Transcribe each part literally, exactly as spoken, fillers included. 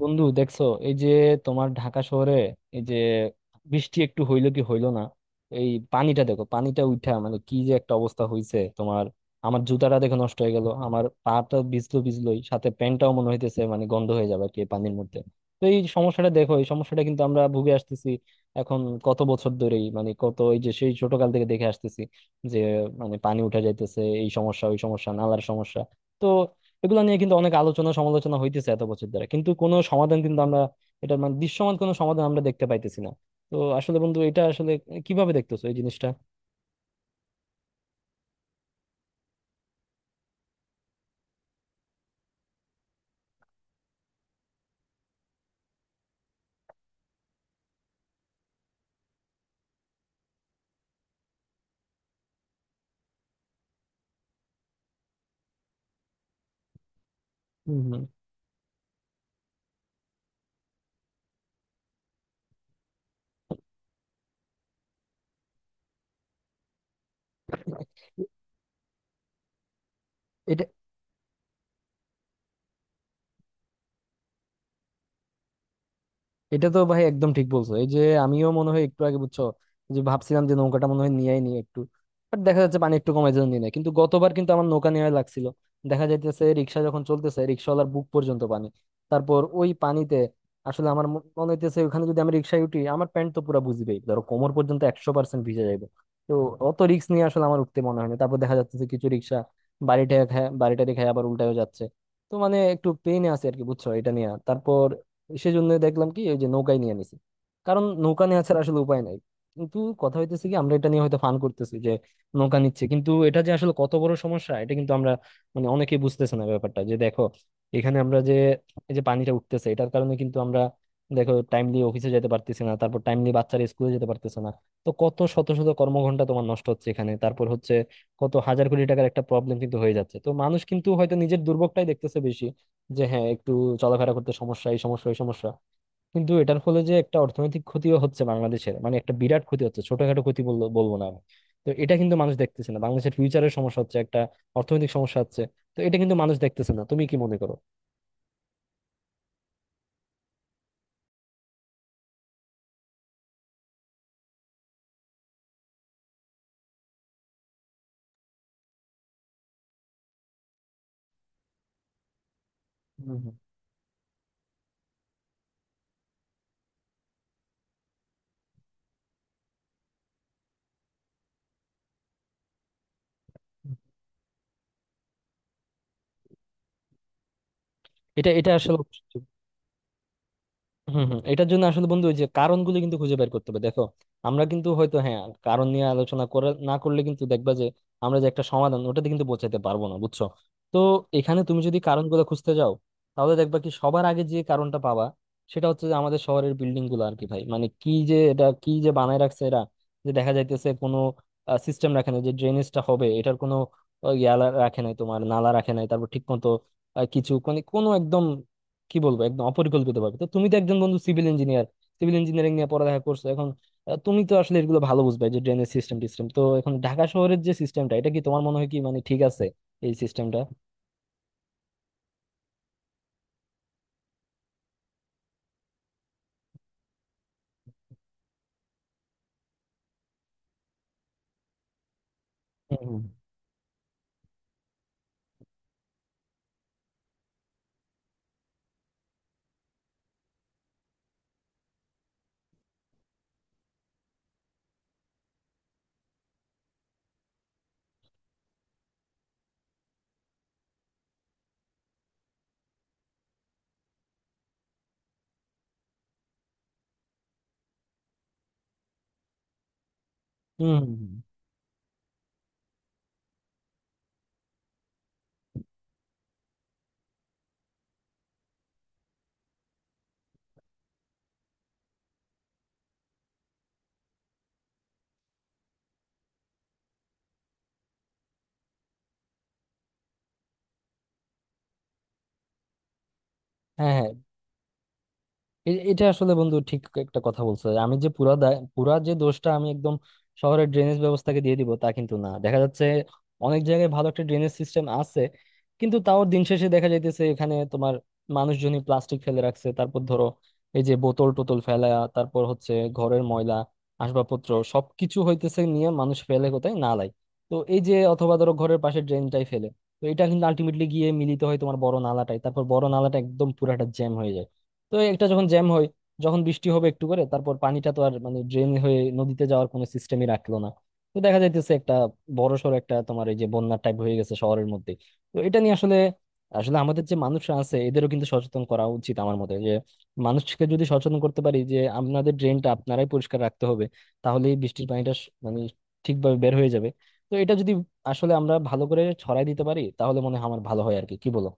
বন্ধু, দেখছো এই যে তোমার ঢাকা শহরে এই যে বৃষ্টি একটু হইলো কি হইলো না। এই পানিটা দেখো, পানিটা উঠা মানে কি যে একটা অবস্থা হইছে তোমার। আমার জুতাটা দেখো নষ্ট হয়ে গেল, আমার পাটা ভিজলো, ভিজলোই সাথে প্যান্টটাও মনে হইতেছে মানে গন্ধ হয়ে যাবে আর কি এই পানির মধ্যে। তো এই সমস্যাটা দেখো, এই সমস্যাটা কিন্তু আমরা ভুগে আসতেছি এখন কত বছর ধরেই, মানে কত এই যে সেই ছোটকাল থেকে দেখে আসতেছি যে মানে পানি উঠা যাইতেছে, এই সমস্যা ওই সমস্যা নালার সমস্যা। তো এগুলো নিয়ে কিন্তু অনেক আলোচনা সমালোচনা হইতেছে এত বছর ধরে, কিন্তু কোনো সমাধান কিন্তু আমরা, এটার মানে দৃশ্যমান কোনো সমাধান আমরা দেখতে পাইতেছি না। তো আসলে বন্ধু এটা আসলে কিভাবে দেখতেছো এই জিনিসটা? হম হম। এটা এটা তো ভাই একদম ঠিক বলছো। এই যে আমিও মনে হয় একটু আগে বুঝছো যে ভাবছিলাম যে নৌকাটা মনে হয় নিয়েই নিয়ে একটু, বাট দেখা যাচ্ছে পানি একটু কমে যেন নিয়ে নেয়। কিন্তু গতবার কিন্তু আমার নৌকা নেওয়া লাগছিল। দেখা যাইতেছে রিক্সা যখন চলতেছে রিক্সাওয়ালার বুক পর্যন্ত পানি। তারপর ওই পানিতে আসলে আমার ম- মনে হইতেছে ওখানে যদি আমি রিক্সায় উঠি আমার প্যান্ট তো পুরো বুঝবেই, ধরো কোমর পর্যন্ত একশো পার্সেন্ট ভিজে যাবে। তো অত রিক্স নিয়ে আসলে আমার উঠতে মনে হয় না। তারপর দেখা যাচ্ছে যে কিছু রিক্সা বাড়িটা খায় বাড়িটারি খায় আবার উল্টায়ও যাচ্ছে। তো মানে একটু পেইনে আছে আর কি বুঝছো এটা নিয়ে। তারপর সেজন্য দেখলাম কি ওই যে নৌকায় নিয়ে নিছি, কারণ নৌকা নেওয়া ছাড়া আসলে উপায় নাই। কিন্তু কথা হইতেছে কি আমরা এটা নিয়ে হয়তো ফান করতেছি যে নৌকা নিচ্ছে, কিন্তু এটা যে আসলে কত বড় সমস্যা এটা কিন্তু আমরা মানে অনেকেই বুঝতেছে না ব্যাপারটা। যে দেখো এখানে আমরা যে এই যে পানিটা উঠতেছে এটার কারণে কিন্তু আমরা দেখো টাইমলি অফিসে যেতে পারতেছি না, তারপর টাইমলি বাচ্চারা স্কুলে যেতে পারতেছে না। তো কত শত শত কর্মঘন্টা তোমার নষ্ট হচ্ছে এখানে, তারপর হচ্ছে কত হাজার কোটি টাকার একটা প্রবলেম কিন্তু হয়ে যাচ্ছে। তো মানুষ কিন্তু হয়তো নিজের দুর্ভোগটাই দেখতেছে বেশি, যে হ্যাঁ একটু চলাফেরা করতে সমস্যা, এই সমস্যা এই সমস্যা। কিন্তু এটার ফলে যে একটা অর্থনৈতিক ক্ষতিও হচ্ছে বাংলাদেশের, মানে একটা বিরাট ক্ষতি হচ্ছে, ছোটখাটো ক্ষতি বললো বলবো না আমি। তো এটা কিন্তু মানুষ দেখতেছে না, বাংলাদেশের ফিউচারের সমস্যা হচ্ছে একটা অর্থনৈতিক সমস্যা হচ্ছে। তো এটা কিন্তু মানুষ দেখতেছে না, তুমি কি মনে করো? হুম হুম। হুম। এটা এটা আসলে। হম হম। এটার জন্য আসলে বন্ধু ওই যে কারণগুলো কিন্তু খুঁজে বের করতে হবে। দেখো আমরা কিন্তু হয়তো হ্যাঁ কারণ নিয়ে আলোচনা করে না করলে কিন্তু দেখবা যে আমরা যে একটা সমাধান ওটাতে কিন্তু পৌঁছাতে পারবো না, বুঝছো। তো এখানে তুমি যদি কারণগুলো খুঁজতে যাও, তাহলে দেখবা কি সবার আগে যে কারণটা পাবা সেটা হচ্ছে যে আমাদের শহরের বিল্ডিং গুলো আর কি ভাই। মানে কি যে এটা কি যে বানায় রাখছে এরা, যে দেখা যাইতেছে কোনো সিস্টেম রাখে না যে ড্রেনেজটা হবে এটার কোনো, আহ, ইয়া লা- রাখে নাই তোমার, নালা রাখে নাই, তারপর ঠিক মতো আহ, কিছু, মানে কোনো একদম কি বলবো একদম অপরিকল্পিত ভাবে। তো তুমি তো একজন বন্ধু সিভিল ইঞ্জিনিয়ার, সিভিল ইঞ্জিনিয়ারিং নিয়ে পড়ালেখা করছো এখন, আহ, তুমি তো আসলে এগুলো ভালো বুঝবে। এই যে ড্রেনেজ সিস্টেম টিস্টেম, তো এখন ঢাকা শহরের যে সিস্টেমটা এটা কি তোমার মনে হয় কি মানে ঠিক আছে এই সিস্টেমটা? হুম হুম। হুম হুম, হুম। হ্যাঁ হ্যাঁ। এ- এটা আসলে বন্ধু ঠিক একটা কথা বলছো। আমি যে পুরা দায়, পুরা যে দোষটা আমি একদম শহরের ড্রেনেজ ব্যবস্থাকে দিয়ে দিব তা কিন্তু না। দেখা যাচ্ছে অনেক জায়গায় ভালো একটা ড্রেনেজ সিস্টেম আছে, কিন্তু তাও দিন শেষে দেখা যাইতেছে এখানে তোমার মানুষজনই প্লাস্টিক ফেলে রাখছে, তারপর ধরো এই যে বোতল টোতল ফেলা, তারপর হচ্ছে ঘরের ময়লা আসবাবপত্র সবকিছু হইতেছে নিয়ে মানুষ ফেলে কোথায়, নালায়। তো এই যে, অথবা ধরো ঘরের পাশে ড্রেনটাই ফেলে। তো এটা কিন্তু আলটিমেটলি গিয়ে মিলিত হয় তোমার বড় নালাটায়, তারপর বড় নালাটা একদম পুরাটা জ্যাম হয়ে যায়। তো একটা যখন জ্যাম হয়, যখন বৃষ্টি হবে একটু করে, তারপর পানিটা তো আর মানে ড্রেন হয়ে নদীতে যাওয়ার কোনো সিস্টেমই রাখলো না। তো দেখা যাইতেছে একটা বড়সড় একটা তোমার এই যে বন্যার টাইপ হয়ে গেছে শহরের মধ্যে। তো এটা নিয়ে আসলে, আসলে আমাদের যে মানুষরা আছে এদেরও কিন্তু সচেতন করা উচিত আমার মতে। যে মানুষকে যদি সচেতন করতে পারি যে আপনাদের ড্রেনটা আপনারাই পরিষ্কার রাখতে হবে, তাহলে এই বৃষ্টির পানিটা স- মানে ঠিকভাবে বের হয়ে যাবে। তো এটা যদি আসলে আমরা ভালো করে ছড়াই দিতে পারি তাহলে মনে হয় আমার ভালো হয় আর কি, কি বলো?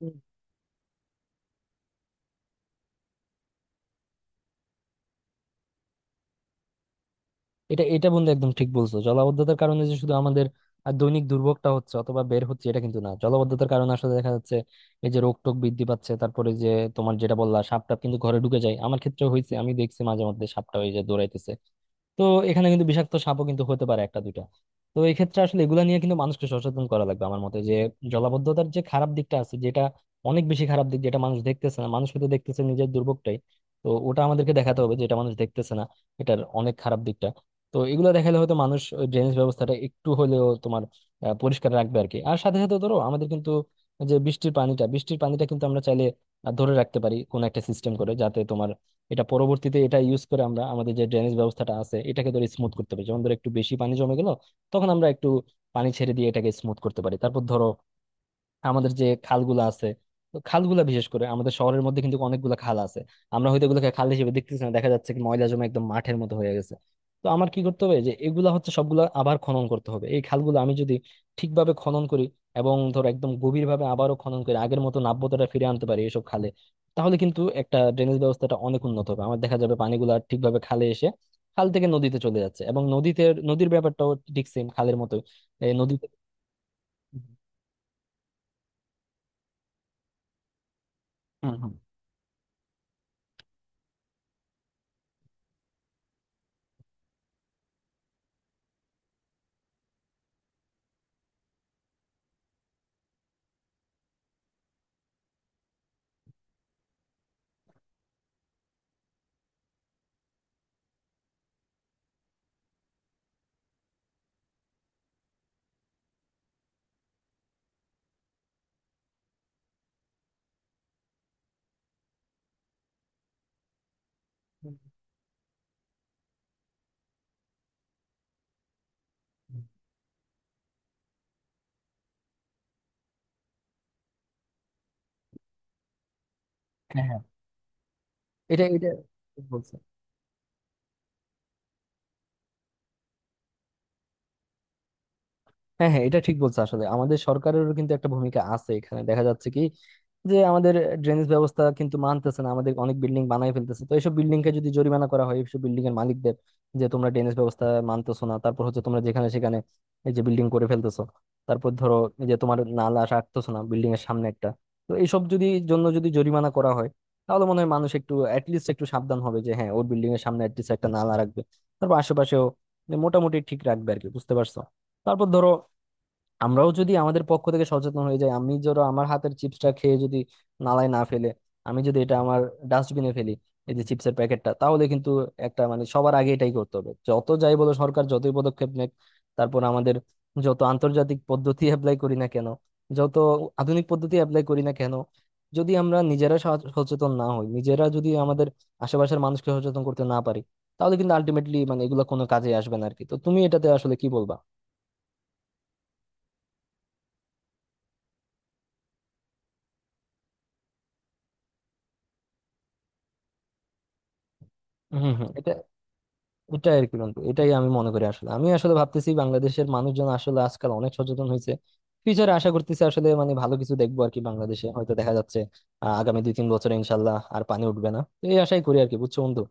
হুম। এটা এটা বন্ধু একদম ঠিক বলছো। জলাবদ্ধতার কারণে যে শুধু আমাদের আহ, দৈনিক দুর্ভোগটা হচ্ছে অথবা বের হচ্ছে এটা কিন্তু না, জলাবদ্ধতার কারণে আসলে দেখা যাচ্ছে এই যে রোগ টোগ বৃদ্ধি পাচ্ছে, তারপরে যে তোমার যেটা বললা সাপ টাপ কিন্তু ঘরে ঢুকে যায়। আমার ক্ষেত্রে হয়েছে, আমি দেখছি মাঝে মধ্যে সাপটা ওই যে দৌড়াইতেছে। তো এখানে কিন্তু বিষাক্ত সাপও কিন্তু হতে পারে একটা দুইটা। তো এই ক্ষেত্রে আসলে এগুলা নিয়ে কিন্তু মানুষকে সচেতন করা লাগবে আমার মতে, যে জলাবদ্ধতার যে খারাপ দিকটা আছে, যেটা অনেক বেশি খারাপ দিক, যেটা মানুষ দেখতেছে না। মানুষ হয়তো দেখতেছে নিজের দুর্ভোগটাই। তো ওটা আমাদেরকে দেখাতে হবে যেটা মানুষ দেখতেছে না, এটার অনেক খারাপ দিকটা। তো এগুলো দেখালে হয়তো মানুষ ড্রেনেজ ব্যবস্থাটা একটু হলেও তোমার আহ, পরিষ্কার রাখবে আর কি। আর সাথে সাথে ধরো, আমাদের কিন্তু যে বৃষ্টির পানিটা, বৃষ্টির পানিটা কিন্তু আমরা চাইলে আহ, ধরে রাখতে পারি কোন একটা সিস্টেম করে, যাতে তোমার এটা পরবর্তীতে এটা ইউজ করে আমরা আমাদের যে ড্রেনেজ ব্যবস্থাটা আছে এটাকে ধরে স্মুথ করতে পারি। যেমন ধরো একটু বেশি পানি জমে গেল, তখন আমরা একটু পানি ছেড়ে দিয়ে এটাকে স্মুথ করতে পারি। তারপর ধরো আমাদের যে খালগুলো আছে, তো খালগুলা বিশেষ করে আমাদের শহরের মধ্যে কিন্তু অনেকগুলো খাল আছে। আমরা হয়তো এগুলোকে খাল হিসেবে দেখতেছি না, দেখা যাচ্ছে কি ময়লা জমে একদম মাঠের মতো হয়ে গেছে। তো আমার কি করতে হবে যে এগুলা হচ্ছে সবগুলা আবার খনন করতে হবে এই খালগুলো। আমি যদি ঠিকভাবে খনন করি এবং ধর একদম গভীর ভাবে আবারও খনন করে আগের মতো নাব্যতাটা ফিরে আনতে পারি এসব খালে, তাহলে কিন্তু একটা ড্রেনেজ ব্যবস্থাটা অনেক উন্নত হবে। আমার দেখা যাবে পানিগুলা ঠিকভাবে খালে এসে খাল থেকে নদীতে চলে যাচ্ছে। এবং নদীতে, নদীর ব্যাপারটাও ঠিক সেম খালের মতো। নদীতে। হুম, হুম। এটা এটা বলছি। হ্যাঁ হ্যাঁ, এটা ঠিক বলছো। আসলে আমাদের সরকারেরও কিন্তু একটা ভূমিকা আছে এখানে। দেখা যাচ্ছে কি যে আমাদের ড্রেনেজ ব্যবস্থা কিন্তু মানতেছে না, আমাদের অনেক বিল্ডিং বানাই ফেলতেছে। তো এইসব বিল্ডিং কে যদি জরিমানা করা হয়, এইসব বিল্ডিং এর মালিকদের, যে তোমরা ড্রেনেজ ব্যবস্থা মানতেছো না, তারপর হচ্ছে তোমরা যেখানে সেখানে এই যে বিল্ডিং করে ফেলতেছো, তারপর ধরো এই যে তোমার নালা রাখতেছো না বিল্ডিং এর সামনে একটা। তো এইসব যদি জন্য যদি জরিমানা করা হয়, তাহলে মনে হয় মানুষ একটু অ্যাটলিস্ট একটু সাবধান হবে, যে হ্যাঁ ওর বিল্ডিং এর সামনে অ্যাটলিস্ট একটা নালা রাখবে, তারপর আশেপাশেও মোটামুটি ঠিক রাখবে আর কি, বুঝতে পারছো? তারপর ধরো, আমরাও যদি আমাদের পক্ষ থেকে সচেতন হয়ে যাই, আমি ধরো আমার হাতের চিপসটা খেয়ে যদি নালায় না ফেলে আমি যদি এটা আমার ডাস্টবিনে ফেলি এই যে চিপসের প্যাকেটটা, তাহলে কিন্তু একটা, মানে সবার আগে এটাই করতে হবে। যত যাই বলো সরকার যতই পদক্ষেপ নেক, তারপর আমাদের যত আন্তর্জাতিক পদ্ধতি অ্যাপ্লাই করি না কেন, যত আধুনিক পদ্ধতি অ্যাপ্লাই করি না কেন, যদি আমরা নিজেরা সচ- সচেতন না হই, নিজেরা যদি আমাদের আশেপাশের মানুষকে সচেতন করতে না পারি, তাহলে কিন্তু আলটিমেটলি মানে এগুলো কোনো কাজে আসবে না আর কি। তো তুমি এটাতে আসলে কি বলবা? হম হম। এটা আর কি বন্ধু, এটাই আমি মনে করি। আসলে আমি আসলে ভাবতেছি বাংলাদেশের মানুষজন আসলে আজকাল অনেক সচেতন হয়েছে, ফিউচারে আশা করতেছি আসলে মানে ভালো কিছু দেখবো আর কি বাংলাদেশে, হয়তো দেখা যাচ্ছে আহ, আগামী দুই তিন বছরে ইনশাল্লাহ আর পানি উঠবে না। তো এই আশাই করি আর কি, বুঝছো বন্ধু।